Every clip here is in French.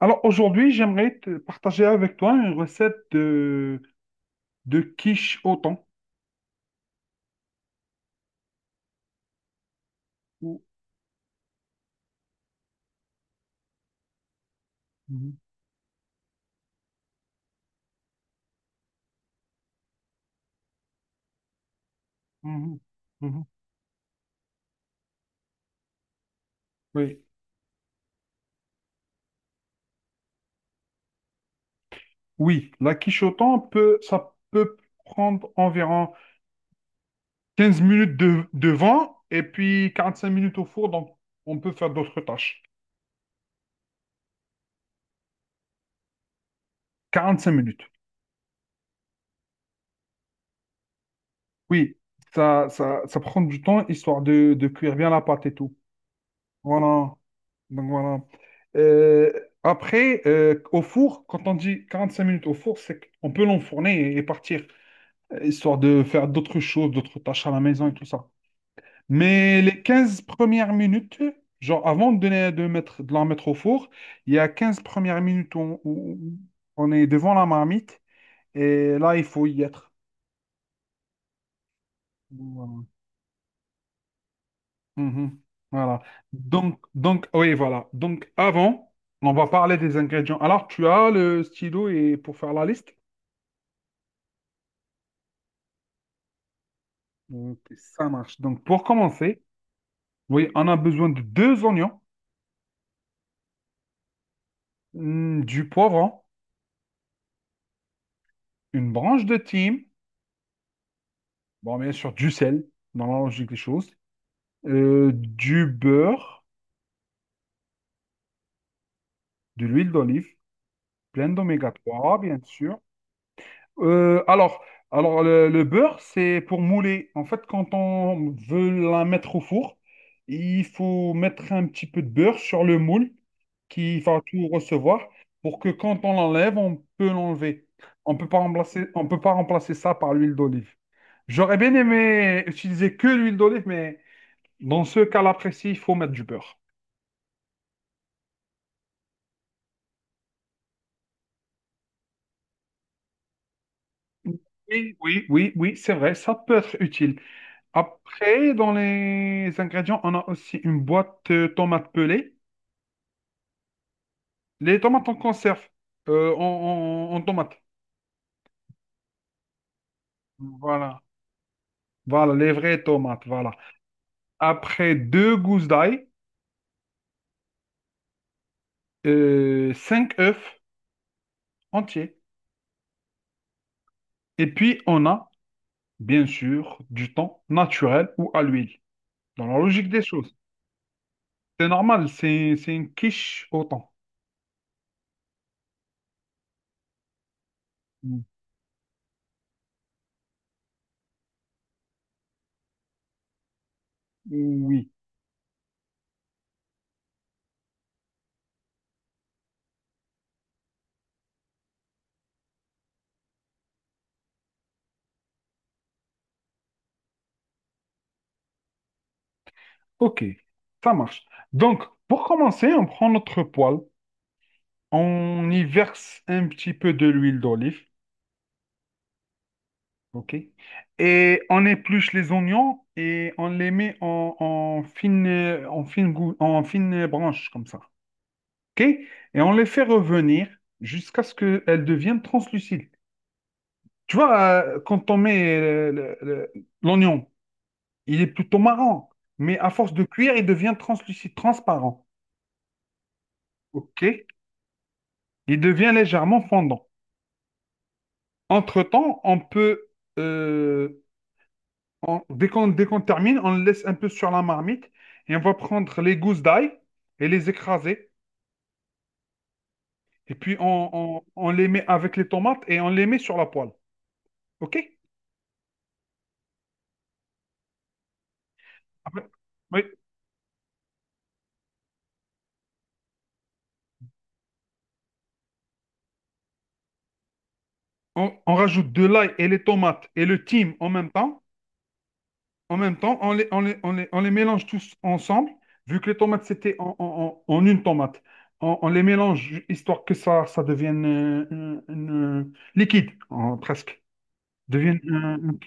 Alors aujourd'hui, j'aimerais te partager avec toi une recette de quiche au thon. Ou- Mhm, mhm, mhm. Oui. Oui, la quiche au thon peut, ça peut prendre environ 15 minutes de vent et puis 45 minutes au four, donc on peut faire d'autres tâches. 45 minutes. Oui, ça prend du temps histoire de cuire bien la pâte et tout. Voilà. Donc voilà. Euh, après, au four, quand on dit 45 minutes au four, c'est qu'on peut l'enfourner et partir, histoire de faire d'autres choses, d'autres tâches à la maison et tout ça. Mais les 15 premières minutes, genre avant de la mettre au four, il y a 15 premières minutes où on est devant la marmite et là, il faut y être. Voilà. Mhm. Voilà. Donc, oui, voilà. Donc, avant, on va parler des ingrédients. Alors, tu as le stylo et pour faire la liste? Donc, ça marche. Donc, pour commencer, oui, on a besoin de deux oignons, du poivron, une branche de thym, bon, bien sûr, du sel, dans la logique des choses, du beurre, de l'huile d'olive, pleine d'oméga 3, bien sûr. Euh, alors, alors, le beurre, c'est pour mouler. En fait, quand on veut la mettre au four, il faut mettre un petit peu de beurre sur le moule qui va tout recevoir pour que quand on l'enlève, on peut l'enlever. On peut pas remplacer ça par l'huile d'olive. J'aurais bien aimé utiliser que l'huile d'olive, mais dans ce cas-là précis, il faut mettre du beurre. Oui, oui, oui, oui, c'est vrai, ça peut être utile. Après, dans les ingrédients, on a aussi une boîte tomate pelée. Les tomates en conserve, en tomate. Voilà. Voilà, les vraies tomates, voilà. Après, deux gousses d'ail, cinq œufs entiers. Et puis, on a, bien sûr, du thon naturel ou à l'huile. Dans la logique des choses. C'est normal, c'est une quiche au thon. Mm. Oui, ok, ça marche. Donc, pour commencer, on prend notre poêle. On y verse un petit peu de l'huile d'olive, ok? Et on épluche les oignons et on les met en fine branche, comme ça, ok? Et on les fait revenir jusqu'à ce qu'elles deviennent translucides. Tu vois, quand on met l'oignon, il est plutôt marron, mais à force de cuire, il devient translucide, transparent, ok? Il devient légèrement fondant. Entre-temps, on peut euh, on- dès qu'on termine, on le laisse un peu sur la marmite et on va prendre les gousses d'ail et les écraser. Et puis on les met avec les tomates et on les met sur la poêle. OK? Après- oui. On rajoute de l'ail et les tomates et le thym en même temps. En même temps, on les mélange tous ensemble, vu que les tomates, c'était en une tomate. On les mélange histoire que ça devienne liquide, presque. deviennent un- un-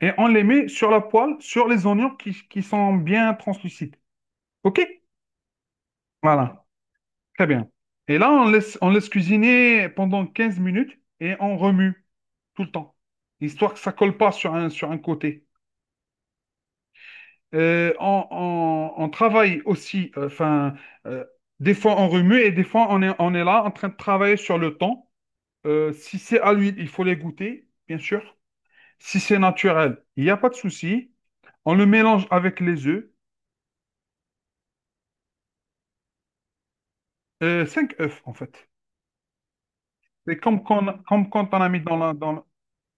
Et on les met sur la poêle, sur les oignons qui sont bien translucides. OK? Voilà, très bien. Et là, on laisse cuisiner pendant 15 minutes et on remue tout le temps, histoire que ça colle pas sur un côté. On travaille aussi, enfin, euh, des fois on remue et des fois on est là en train de travailler sur le temps. Si c'est à l'huile, il faut les goûter, bien sûr. Si c'est naturel, il n'y a pas de souci. On le mélange avec les œufs. Cinq œufs, en fait. C'est comme quand on a mis dans la...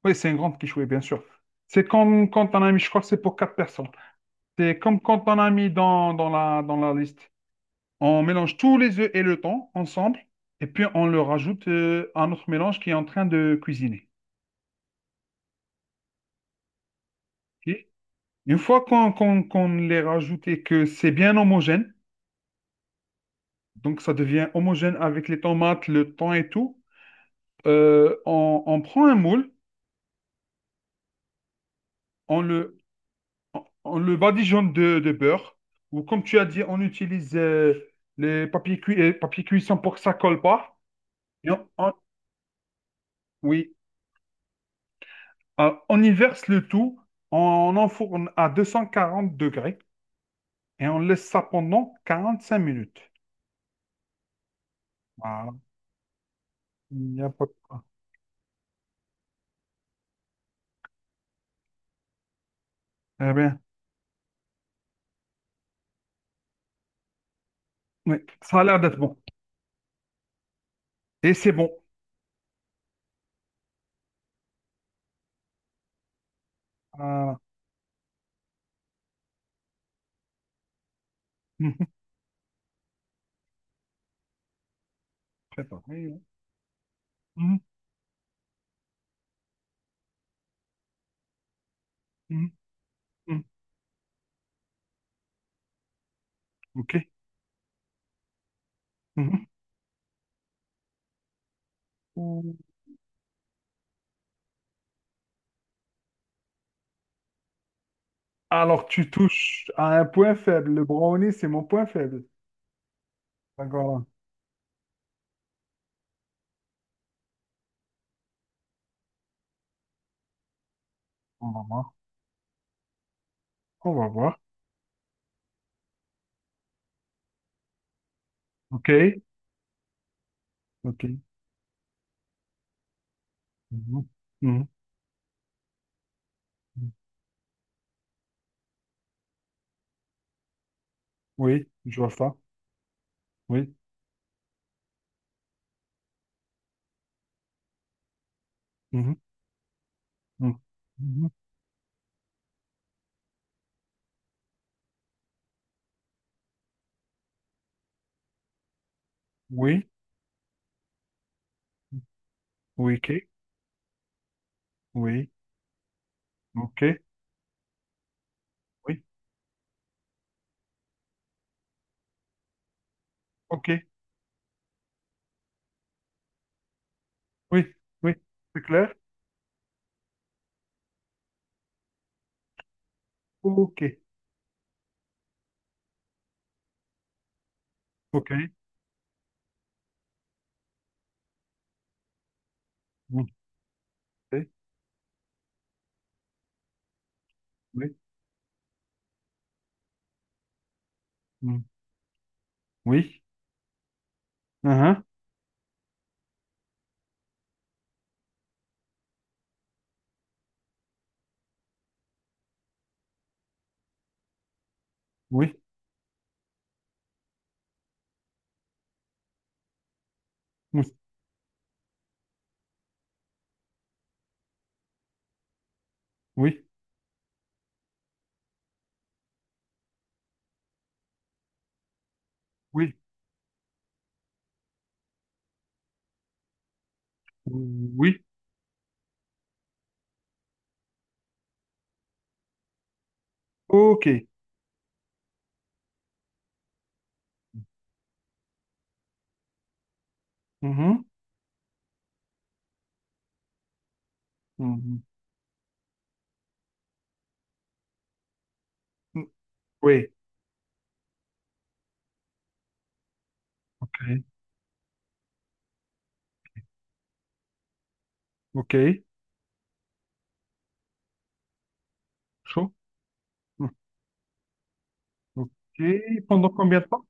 Oui, c'est une grande quichouée, bien sûr. C'est comme quand on a mis, je crois que c'est pour quatre personnes. C'est comme quand on a mis dans la liste. On mélange tous les œufs et le thon ensemble. Et puis, on le rajoute à notre mélange qui est en train de cuisiner. Ok. Une fois qu'on les rajoute et que c'est bien homogène, donc ça devient homogène avec les tomates, le thon et tout. On prend un moule, on le, on le badigeonne de beurre, ou comme tu as dit, on utilise les papiers cuits et papier cuisson pour que ça colle pas. Et oui. On y verse le tout, on enfourne à 240 degrés et on laisse ça pendant 45 minutes. Voilà. Il n'y a pas de quoi. Eh bien, oui, ça a l'air d'être bon. Et c'est bon. Voilà. Mhm. Préparé. Hein. Mhm. Mhm. Mhm. OK. Mhm. Alors, tu touches à un point faible. Le brownie, c'est mon point faible. D'accord. On va voir. On va voir. OK. OK. Mhm. Mhm. Mhm. Oui, je vois ça. Oui. Mhm. Mhm. Mhm. Oui. Oui. OK. Oui. OK. Oui. OK. Oui. Oui. C'est clair? OK. OK. Mhm. Oui. Oui. Mhm. Oui. Mhm. Oui. Mhm. Oui. Oui. Oui. OK. Mhm. Mhm. Oui. OK. OK. Chaud. Ok, pendant combien de temps?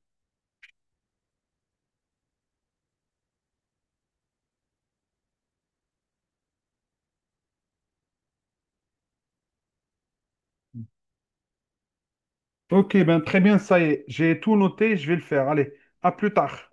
Ok, ben très bien, ça y est, j'ai tout noté, je vais le faire. Allez, à plus tard.